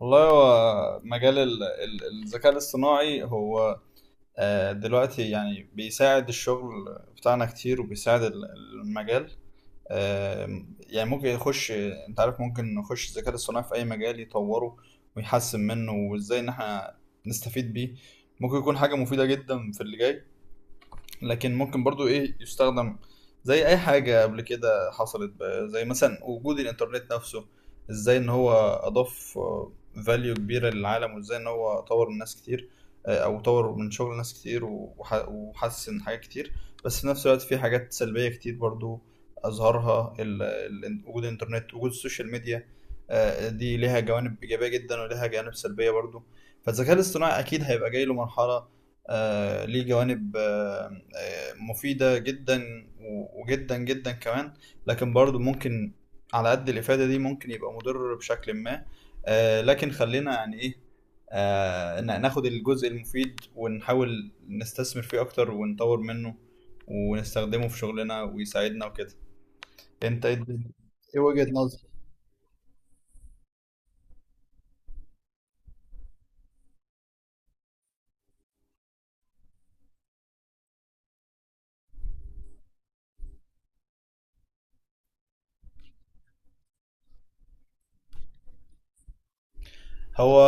والله هو مجال الذكاء الاصطناعي هو، دلوقتي يعني بيساعد الشغل بتاعنا كتير، وبيساعد المجال. آه، يعني ممكن يخش، انت عارف، ممكن نخش الذكاء الاصطناعي في اي مجال يطوره ويحسن منه، وازاي ان احنا نستفيد بيه. ممكن يكون حاجة مفيدة جدا في اللي جاي، لكن ممكن برضو ايه يستخدم زي اي حاجة قبل كده حصلت، بقى زي مثلا وجود الانترنت نفسه، ازاي ان هو اضاف فاليو كبيرة للعالم، وازاي ان هو طور من ناس كتير، او طور من شغل ناس كتير، وحسن حاجات كتير. بس في نفس الوقت في حاجات سلبية كتير برضو اظهرها وجود الانترنت، وجود السوشيال ميديا. دي ليها جوانب ايجابية جدا وليها جوانب سلبية برضو. فالذكاء الاصطناعي اكيد هيبقى جاي له مرحلة، ليه جوانب مفيدة جدا، وجدا جدا كمان. لكن برضو ممكن على قد الإفادة دي ممكن يبقى مضر بشكل ما. لكن خلينا يعني إيه، ناخد الجزء المفيد، ونحاول نستثمر فيه أكتر ونطور منه ونستخدمه في شغلنا ويساعدنا وكده. أنت إيه الدنيا؟ إيه وجهة نظرك؟ هو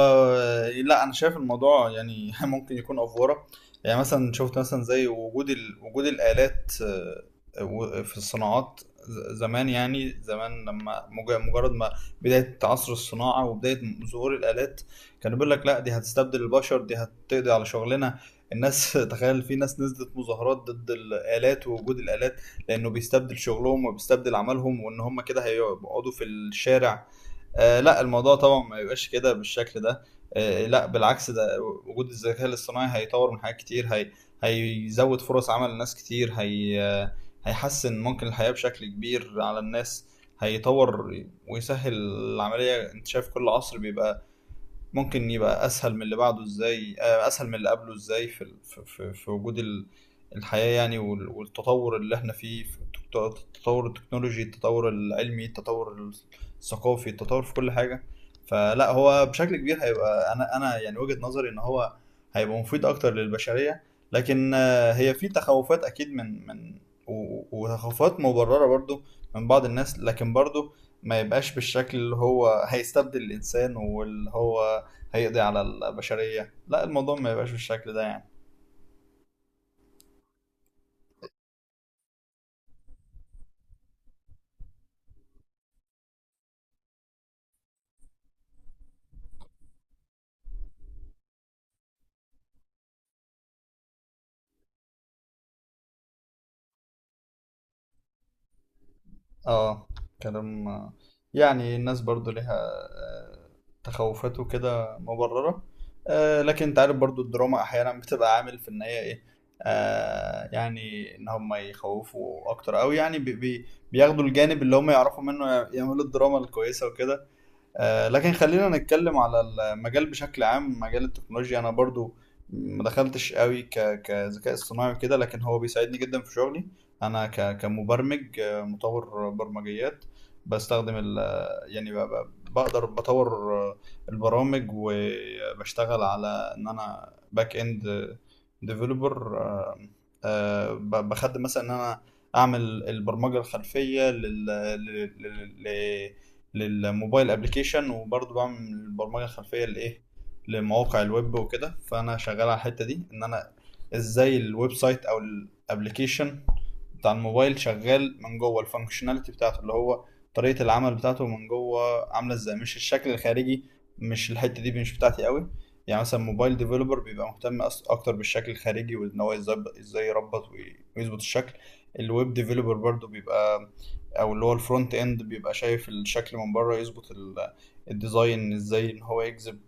لا، انا شايف الموضوع يعني ممكن يكون افوره. يعني مثلا شفت مثلا زي وجود الالات، في الصناعات، زمان، يعني زمان لما مجرد ما بدايه عصر الصناعه وبدايه ظهور الالات، كانوا بيقول لك لا، دي هتستبدل البشر، دي هتقضي على شغلنا، الناس. تخيل في ناس نزلت مظاهرات ضد الالات ووجود الالات، لانه بيستبدل شغلهم وبيستبدل عملهم وان هم كده هيقعدوا في الشارع. لا، الموضوع طبعا ما يبقاش كده بالشكل ده. لا، بالعكس. ده وجود الذكاء الاصطناعي هيطور من حاجات كتير، هي هيزود فرص عمل لناس كتير، هي هيحسن ممكن الحياة بشكل كبير على الناس، هيطور ويسهل العملية. انت شايف كل عصر بيبقى ممكن يبقى اسهل من اللي بعده، ازاي اسهل من اللي قبله، ازاي في وجود الحياة يعني، والتطور اللي احنا فيه في التطور التكنولوجي، التطور العلمي، التطور الثقافي، التطور في كل حاجة. فلا هو بشكل كبير هيبقى، انا يعني وجهة نظري ان هو هيبقى مفيد اكتر للبشرية. لكن هي في تخوفات اكيد من، و- وتخوفات مبررة برضو من بعض الناس، لكن برضو ما يبقاش بالشكل اللي هو هيستبدل الإنسان، واللي هو هيقضي على البشرية. لا، الموضوع ما يبقاش بالشكل ده يعني. اه، كلام. يعني الناس برضو ليها تخوفات وكده مبررة. لكن انت عارف برضو الدراما احيانا بتبقى عامل في ان هي ايه، يعني ان هم يخوفوا اكتر، او يعني بي بي بياخدوا الجانب اللي هم يعرفوا منه يعملوا الدراما الكويسة وكده. لكن خلينا نتكلم على المجال بشكل عام، مجال التكنولوجيا. انا برضو ما دخلتش قوي كذكاء اصطناعي وكده، لكن هو بيساعدني جدا في شغلي. انا كمبرمج، مطور برمجيات. بستخدم ال، يعني بقدر بطور البرامج، وبشتغل على ان انا باك اند ديفلوبر. بخدم مثلا ان انا اعمل البرمجه الخلفيه لل... للموبايل ابلكيشن، وبرضه بعمل برمجه خلفيه لايه، لمواقع الويب وكده. فانا شغال على الحته دي، ان انا ازاي الويب سايت او الابلكيشن بتاع الموبايل شغال من جوه، الفانكشناليتي بتاعته اللي هو طريقه العمل بتاعته من جوه عامله ازاي، مش الشكل الخارجي. مش الحته دي مش بتاعتي قوي. يعني مثلا موبايل ديفلوبر بيبقى مهتم اكتر بالشكل الخارجي، وان هو ازاي يربط ويظبط الشكل. الويب ديفلوبر برضو بيبقى، او اللي هو الفرونت اند، بيبقى شايف الشكل من بره، يظبط الديزاين ازاي ان هو يجذب،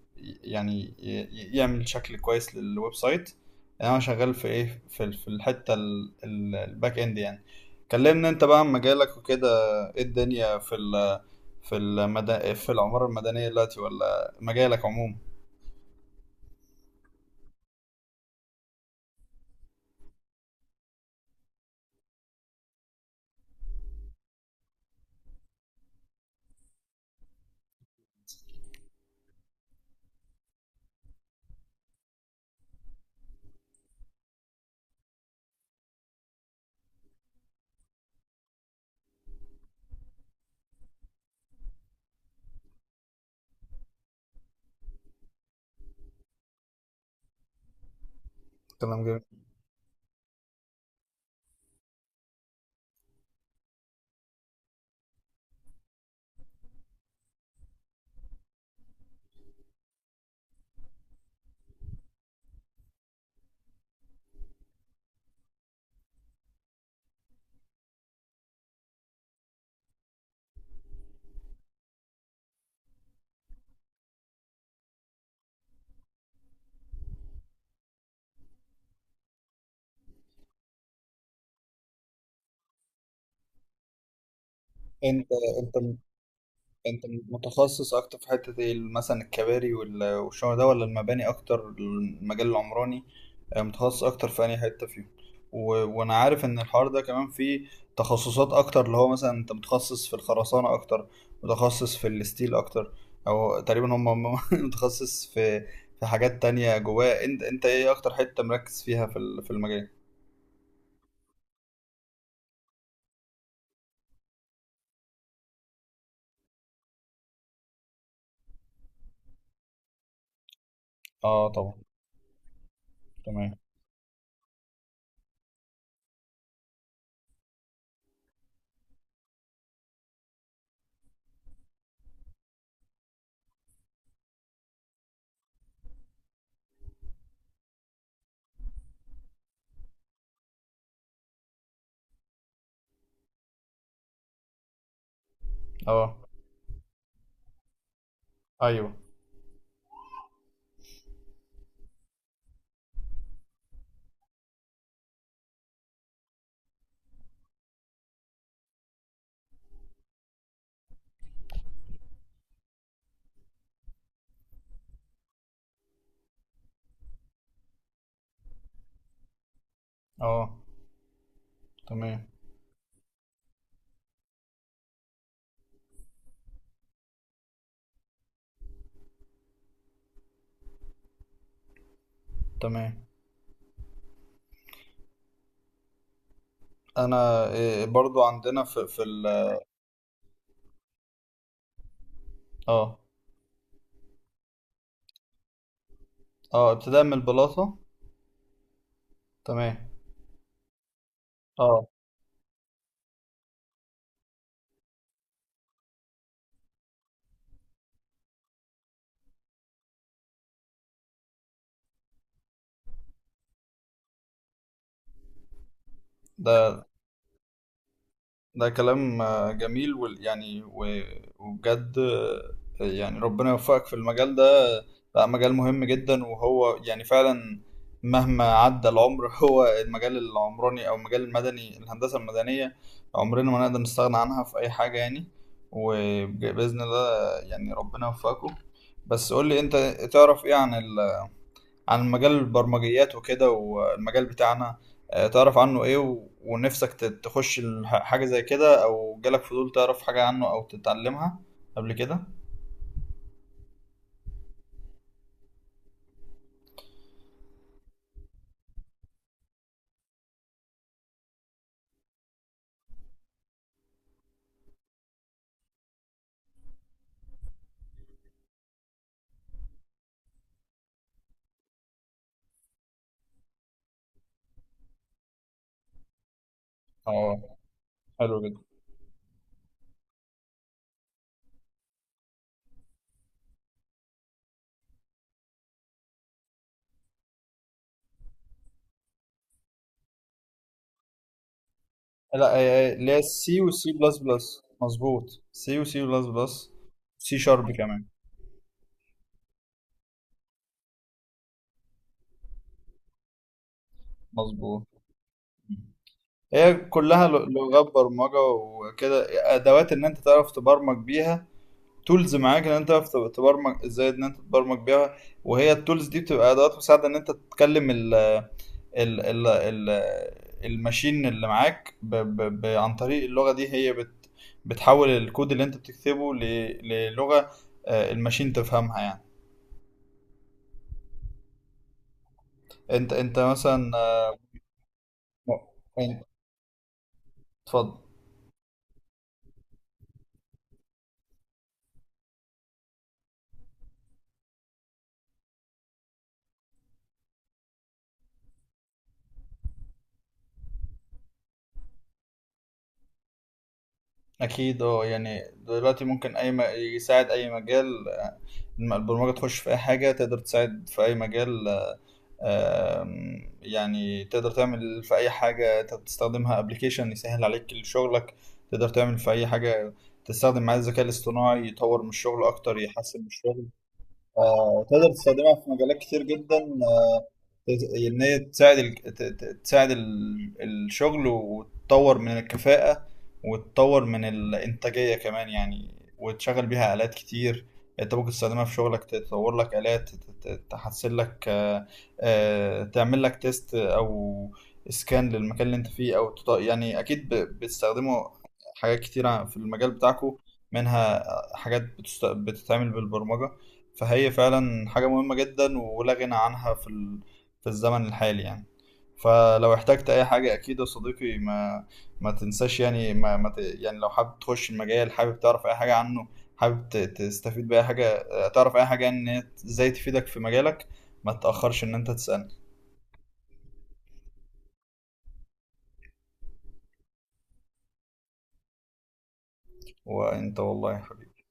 يعني يعمل شكل كويس للويب سايت. انا شغال في ايه؟ في في الحته الباك اند يعني. كلمنا انت بقى عن مجالك وكده. ايه الدنيا في في المدن، في العمارة المدنية دلوقتي، ولا مجالك عموما؟ كلام جميل. انت انت انت متخصص اكتر في حتة ايه؟ مثلا الكباري والشغل ده، ولا المباني اكتر، المجال العمراني؟ متخصص اكتر في اي حتة فيهم؟ و... وانا عارف ان الحوار ده كمان فيه تخصصات اكتر، اللي هو مثلا انت متخصص في الخرسانة اكتر، متخصص في الستيل اكتر، او تقريبا هم متخصص في حاجات تانية جواه. انت ايه اكتر حتة مركز فيها في في المجال؟ اه طبعا. تمام. اه، ايوه. اه. تمام. تمام. انا إيه، برضو عندنا في ال. اه. اه، ابتداء من البلاطه. تمام. اه. ده ده كلام جميل، يعني وبجد، يعني ربنا يوفقك في المجال ده. بقى مجال مهم جدا، وهو يعني فعلا مهما عدى العمر هو المجال العمراني او المجال المدني، الهندسه المدنيه. عمرنا ما نقدر نستغنى عنها في اي حاجه يعني. وباذن الله يعني ربنا يوفقكم. بس قول لي انت، تعرف ايه عن مجال البرمجيات وكده، والمجال بتاعنا؟ تعرف عنه ايه؟ ونفسك تخش حاجة زي كده؟ او جالك فضول تعرف حاجة عنه او تتعلمها قبل كده؟ اه، حلو جدا. لا، اللي هي سي وسي بلس بلس، مظبوط، سي وسي بلس بلس. سي شارب كمان. مظبوط. هي كلها لغات برمجة وكده، أدوات إن أنت تعرف تبرمج بيها، تولز معاك ان انت تعرف تبرمج ازاي ان انت تبرمج بيها. وهي التولز دي بتبقى ادوات مساعده ان انت تتكلم ال ال ال ال الماشين اللي معاك ب ب ب عن طريق اللغه دي. هي بتحول الكود اللي انت بتكتبه للغه الماشين تفهمها يعني. انت، مثلا م- اتفضل. اكيد، اه. يعني دلوقتي ممكن اي يساعد اي مجال، البرمجه تخش في اي حاجه، تقدر تساعد في اي مجال. يعني تقدر تعمل في اي حاجه انت بتستخدمها، ابلكيشن يسهل عليك شغلك. تقدر تعمل في اي حاجه تستخدم معاه الذكاء الاصطناعي، يطور من الشغل اكتر، يحسن من الشغل. تقدر تستخدمها في مجالات كتير جدا، ان هي تساعد تساعد الشغل، وتطور من الكفاءة، وتطور من الإنتاجية كمان يعني، وتشغل بيها آلات كتير. انت ممكن تستخدمها في شغلك، تطور لك آلات، تحسن لك تعمل لك تيست او سكان للمكان اللي انت فيه، او يعني اكيد بتستخدموا حاجات كتيرة في المجال بتاعكم، منها حاجات بتتعمل بالبرمجة. فهي فعلا حاجة مهمة جدا ولا غنى عنها في في الزمن الحالي يعني. فلو احتجت اي حاجة، اكيد يا صديقي، ما تنساش، يعني ما, ما ت... يعني لو حابب تخش المجال، حابب تعرف اي حاجة عنه، حابب تستفيد باي حاجة، تعرف اي حاجة، يعني ان هي ازاي تفيدك في مجالك. ما تتأخرش ان انت تسألني. وانت والله يا حبيبي.